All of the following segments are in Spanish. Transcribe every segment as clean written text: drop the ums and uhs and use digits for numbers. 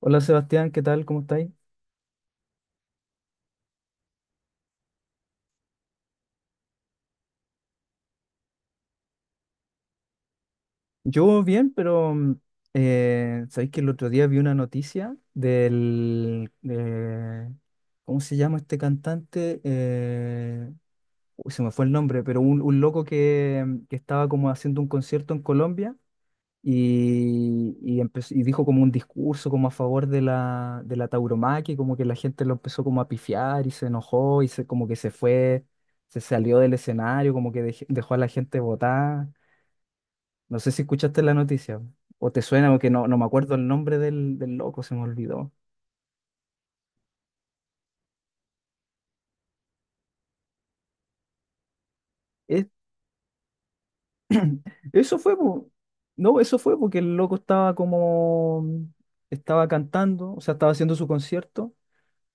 Hola Sebastián, ¿qué tal? ¿Cómo estáis? Yo bien, pero sabéis que el otro día vi una noticia del. ¿Cómo se llama este cantante? Uy, se me fue el nombre, pero un loco que, que estaba como haciendo un concierto en Colombia y dijo como un discurso como a favor de la tauromaquia, y como que la gente lo empezó como a pifiar y se enojó y como que se fue, se salió del escenario, como que dejó a la gente votar. No sé si escuchaste la noticia o te suena, porque no me acuerdo el nombre del loco, se me olvidó. Es- Eso fue, po. No, eso fue porque el loco estaba como, estaba cantando, o sea, estaba haciendo su concierto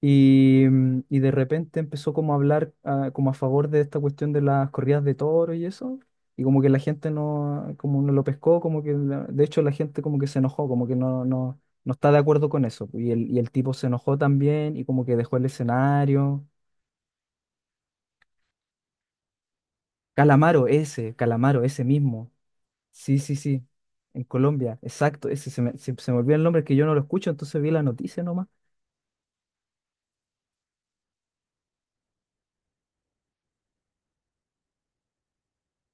y de repente empezó como a hablar, como a favor de esta cuestión de las corridas de toro y eso. Y como que la gente no, como no lo pescó, como que, de hecho la gente como que se enojó, como que no está de acuerdo con eso. Y el tipo se enojó también y como que dejó el escenario. Calamaro, ese mismo. Sí, sí, sí. En Colombia, exacto. Ese se me olvidó el nombre, que yo no lo escucho, entonces vi la noticia nomás.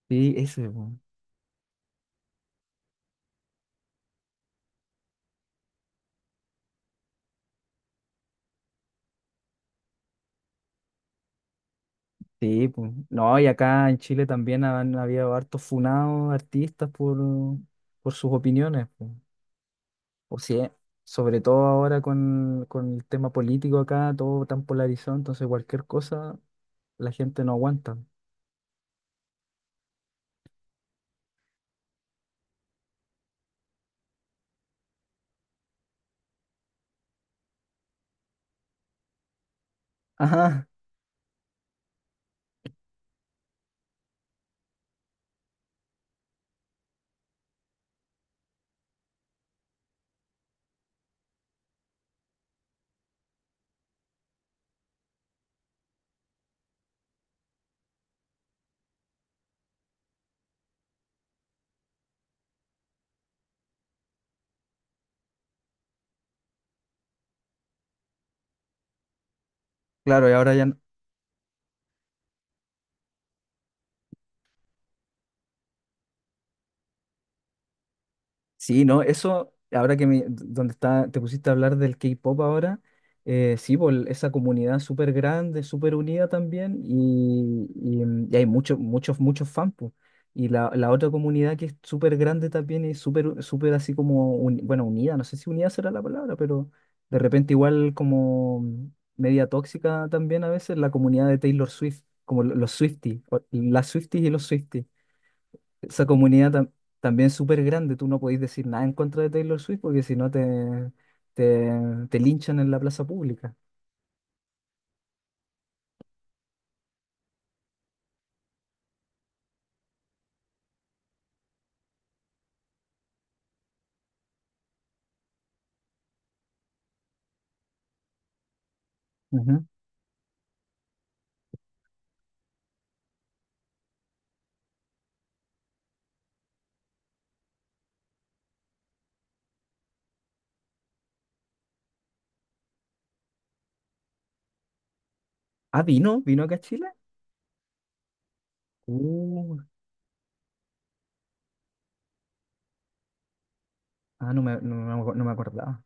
Sí, ese, po. Sí, po. No, y acá en Chile también han habido hartos funados artistas por sus opiniones, po. O sea, sobre todo ahora con el tema político acá, todo tan polarizado, entonces cualquier cosa la gente no aguanta. Ajá, claro, y ahora ya. Sí, no, eso, ahora que me, donde está, te pusiste a hablar del K-pop ahora. Sí, po, esa comunidad súper grande, súper unida también, y hay muchos, muchos, muchos fans, po. Y la otra comunidad, que es súper grande también y súper, súper así como, bueno, unida, no sé si unida será la palabra, pero de repente igual como media tóxica también a veces, la comunidad de Taylor Swift, como los Swifties, las Swifties y los Swifties. Esa comunidad también es súper grande. Tú no podés decir nada en contra de Taylor Swift porque si no te, te, te linchan en la plaza pública. Ujú. Ah, vino acá a Chile. Uh, ah, no me, no, no me acu- no me acordaba.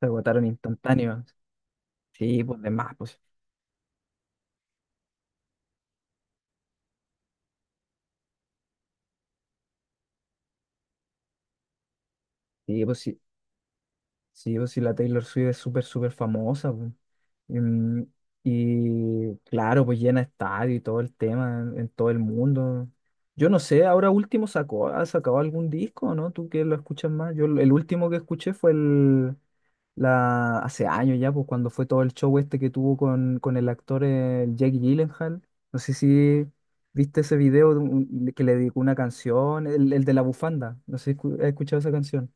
Se agotaron instantáneos. Sí, pues de más, pues. Sí, pues sí, sí, pues sí, la Taylor Swift es súper, súper famosa, pues. Mm, Y claro, pues llena estadio y todo el tema en todo el mundo. Yo no sé, ahora último ha sacado algún disco, ¿no? ¿Tú, que lo escuchas más? Yo, el último que escuché fue hace años ya, pues cuando fue todo el show este que tuvo con el actor, el Jake Gyllenhaal. No sé si viste ese video de que le dedicó una canción, el de la bufanda. No sé si has escuchado esa canción.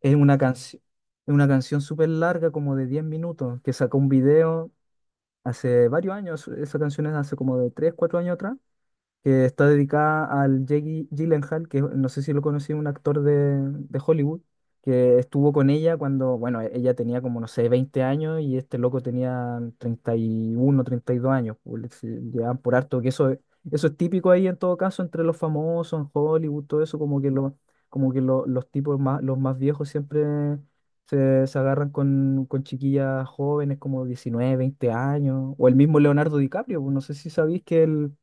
Es una canción. Es una canción súper larga, como de 10 minutos, que sacó un video. Hace varios años, esa canción es hace como de 3, 4 años atrás, que está dedicada al Jake Gyllenhaal, que no sé si lo conocí, un actor de Hollywood, que estuvo con ella cuando, bueno, ella tenía, como, no sé, 20 años y este loco tenía 31, 32 años, pues, se llevaban por harto. Que eso, eso es típico ahí, en todo caso, entre los famosos, en Hollywood, todo eso. Como que, como que los tipos más, los más viejos siempre. Se agarran con chiquillas jóvenes como 19, 20 años, o el mismo Leonardo DiCaprio, pues, no sé si sabéis que él.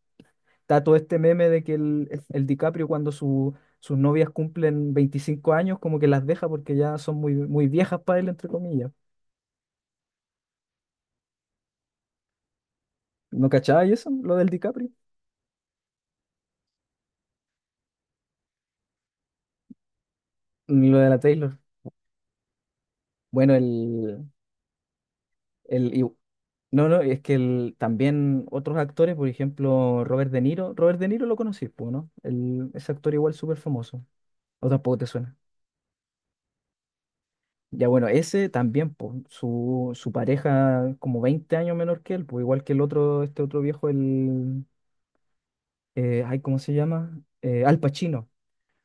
Está todo este meme de que el DiCaprio, cuando sus novias cumplen 25 años, como que las deja porque ya son muy, muy viejas para él, entre comillas. ¿No cachaba y eso? Lo del DiCaprio. Ni lo de la Taylor. Bueno, el, y- no, es que también otros actores, por ejemplo, Robert De Niro. Robert De Niro lo conocí, po, ¿no? El, ese actor igual súper famoso. O tampoco te suena. Ya bueno, ese también, po, su pareja como 20 años menor que él, pues igual que el otro, este otro viejo, el. Ay, ¿cómo se llama? Al Pacino.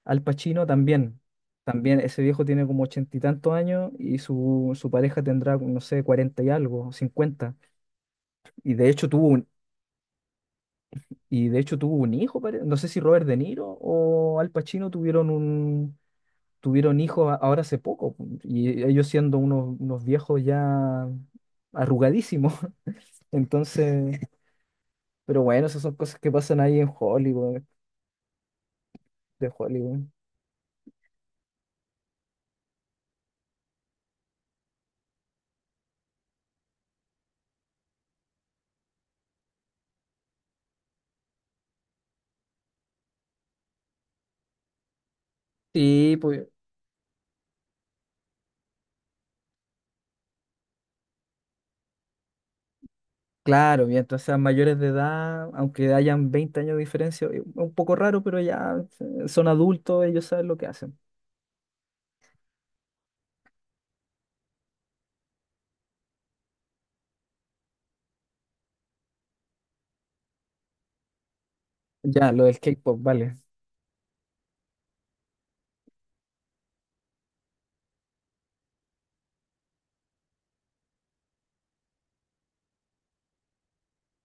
Al Pacino también. También ese viejo tiene como ochenta y tantos años, y su pareja tendrá, no sé, cuarenta y algo, cincuenta. Y de hecho tuvo un, y de hecho tuvo un hijo, no sé si Robert De Niro o Al Pacino tuvieron tuvieron hijos ahora hace poco. Y ellos siendo unos viejos ya arrugadísimos. Entonces, pero bueno, esas son cosas que pasan ahí en Hollywood, de Hollywood. Sí, pues, claro, y entonces a mayores de edad, aunque hayan 20 años de diferencia, es un poco raro, pero ya, son adultos, ellos saben lo que hacen. Ya, lo del K-pop, vale.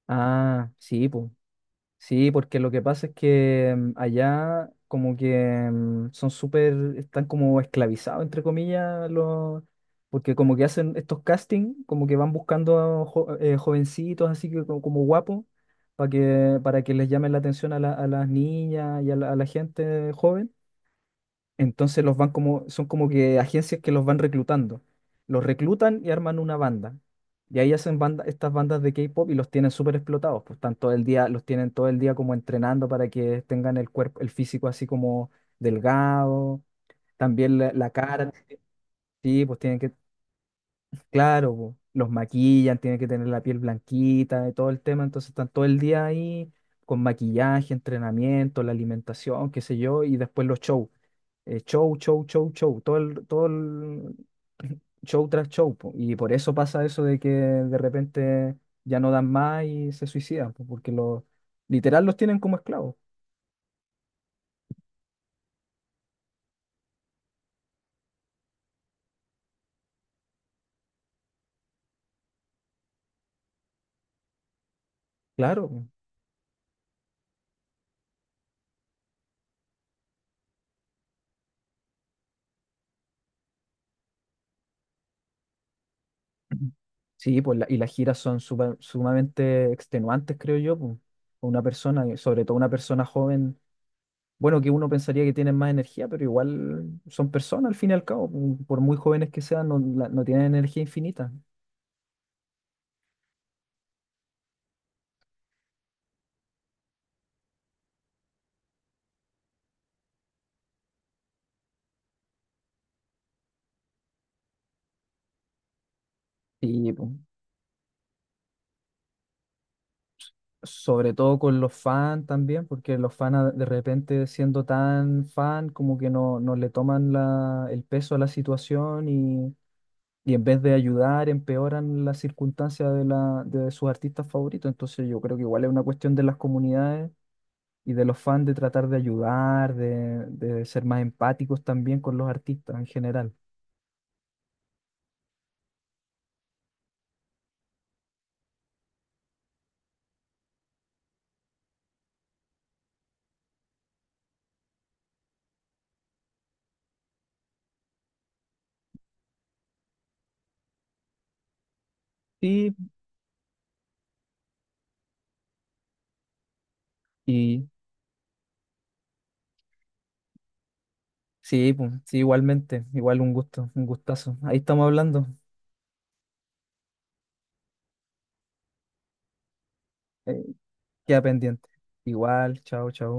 Ah, sí, pues. Sí, porque lo que pasa es que, allá como que, son súper, están como esclavizados, entre comillas, porque como que hacen estos castings, como que van buscando a jovencitos, así que como, guapos, para que, les llamen la atención a a las niñas y a la gente joven. Entonces los van como, son como que agencias, que los van reclutando. Los reclutan y arman una banda. Y ahí hacen banda, estas bandas de K-pop, y los tienen súper explotados. Pues están todo el día, los tienen todo el día como entrenando para que tengan el cuerpo, el físico así como delgado. También la cara, sí, pues tienen que. Claro, po, los maquillan, tienen que tener la piel blanquita, de todo el tema, entonces están todo el día ahí con maquillaje, entrenamiento, la alimentación, qué sé yo, y después los shows. Show, show, show, show, todo el, todo el. Show tras show, po. Y por eso pasa eso de que de repente ya no dan más y se suicidan, po, porque los, literal, los tienen como esclavos. Claro. Sí, pues y las giras son sumamente extenuantes, creo yo, pues. Una persona, y sobre todo una persona joven, bueno, que uno pensaría que tienen más energía, pero igual son personas al fin y al cabo, pues, por muy jóvenes que sean, no, no tienen energía infinita. Y pues, sobre todo con los fans también, porque los fans, de repente siendo tan fan, como que no le toman el peso a la situación. Y en vez de ayudar, empeoran las circunstancias de sus artistas favoritos. Entonces yo creo que igual es una cuestión de las comunidades y de los fans, de tratar de ayudar, de ser más empáticos también con los artistas en general. Sí, y sí, pues, sí, igualmente, igual un gusto, un gustazo. Ahí estamos hablando. eh, queda pendiente. Igual, chao, chao.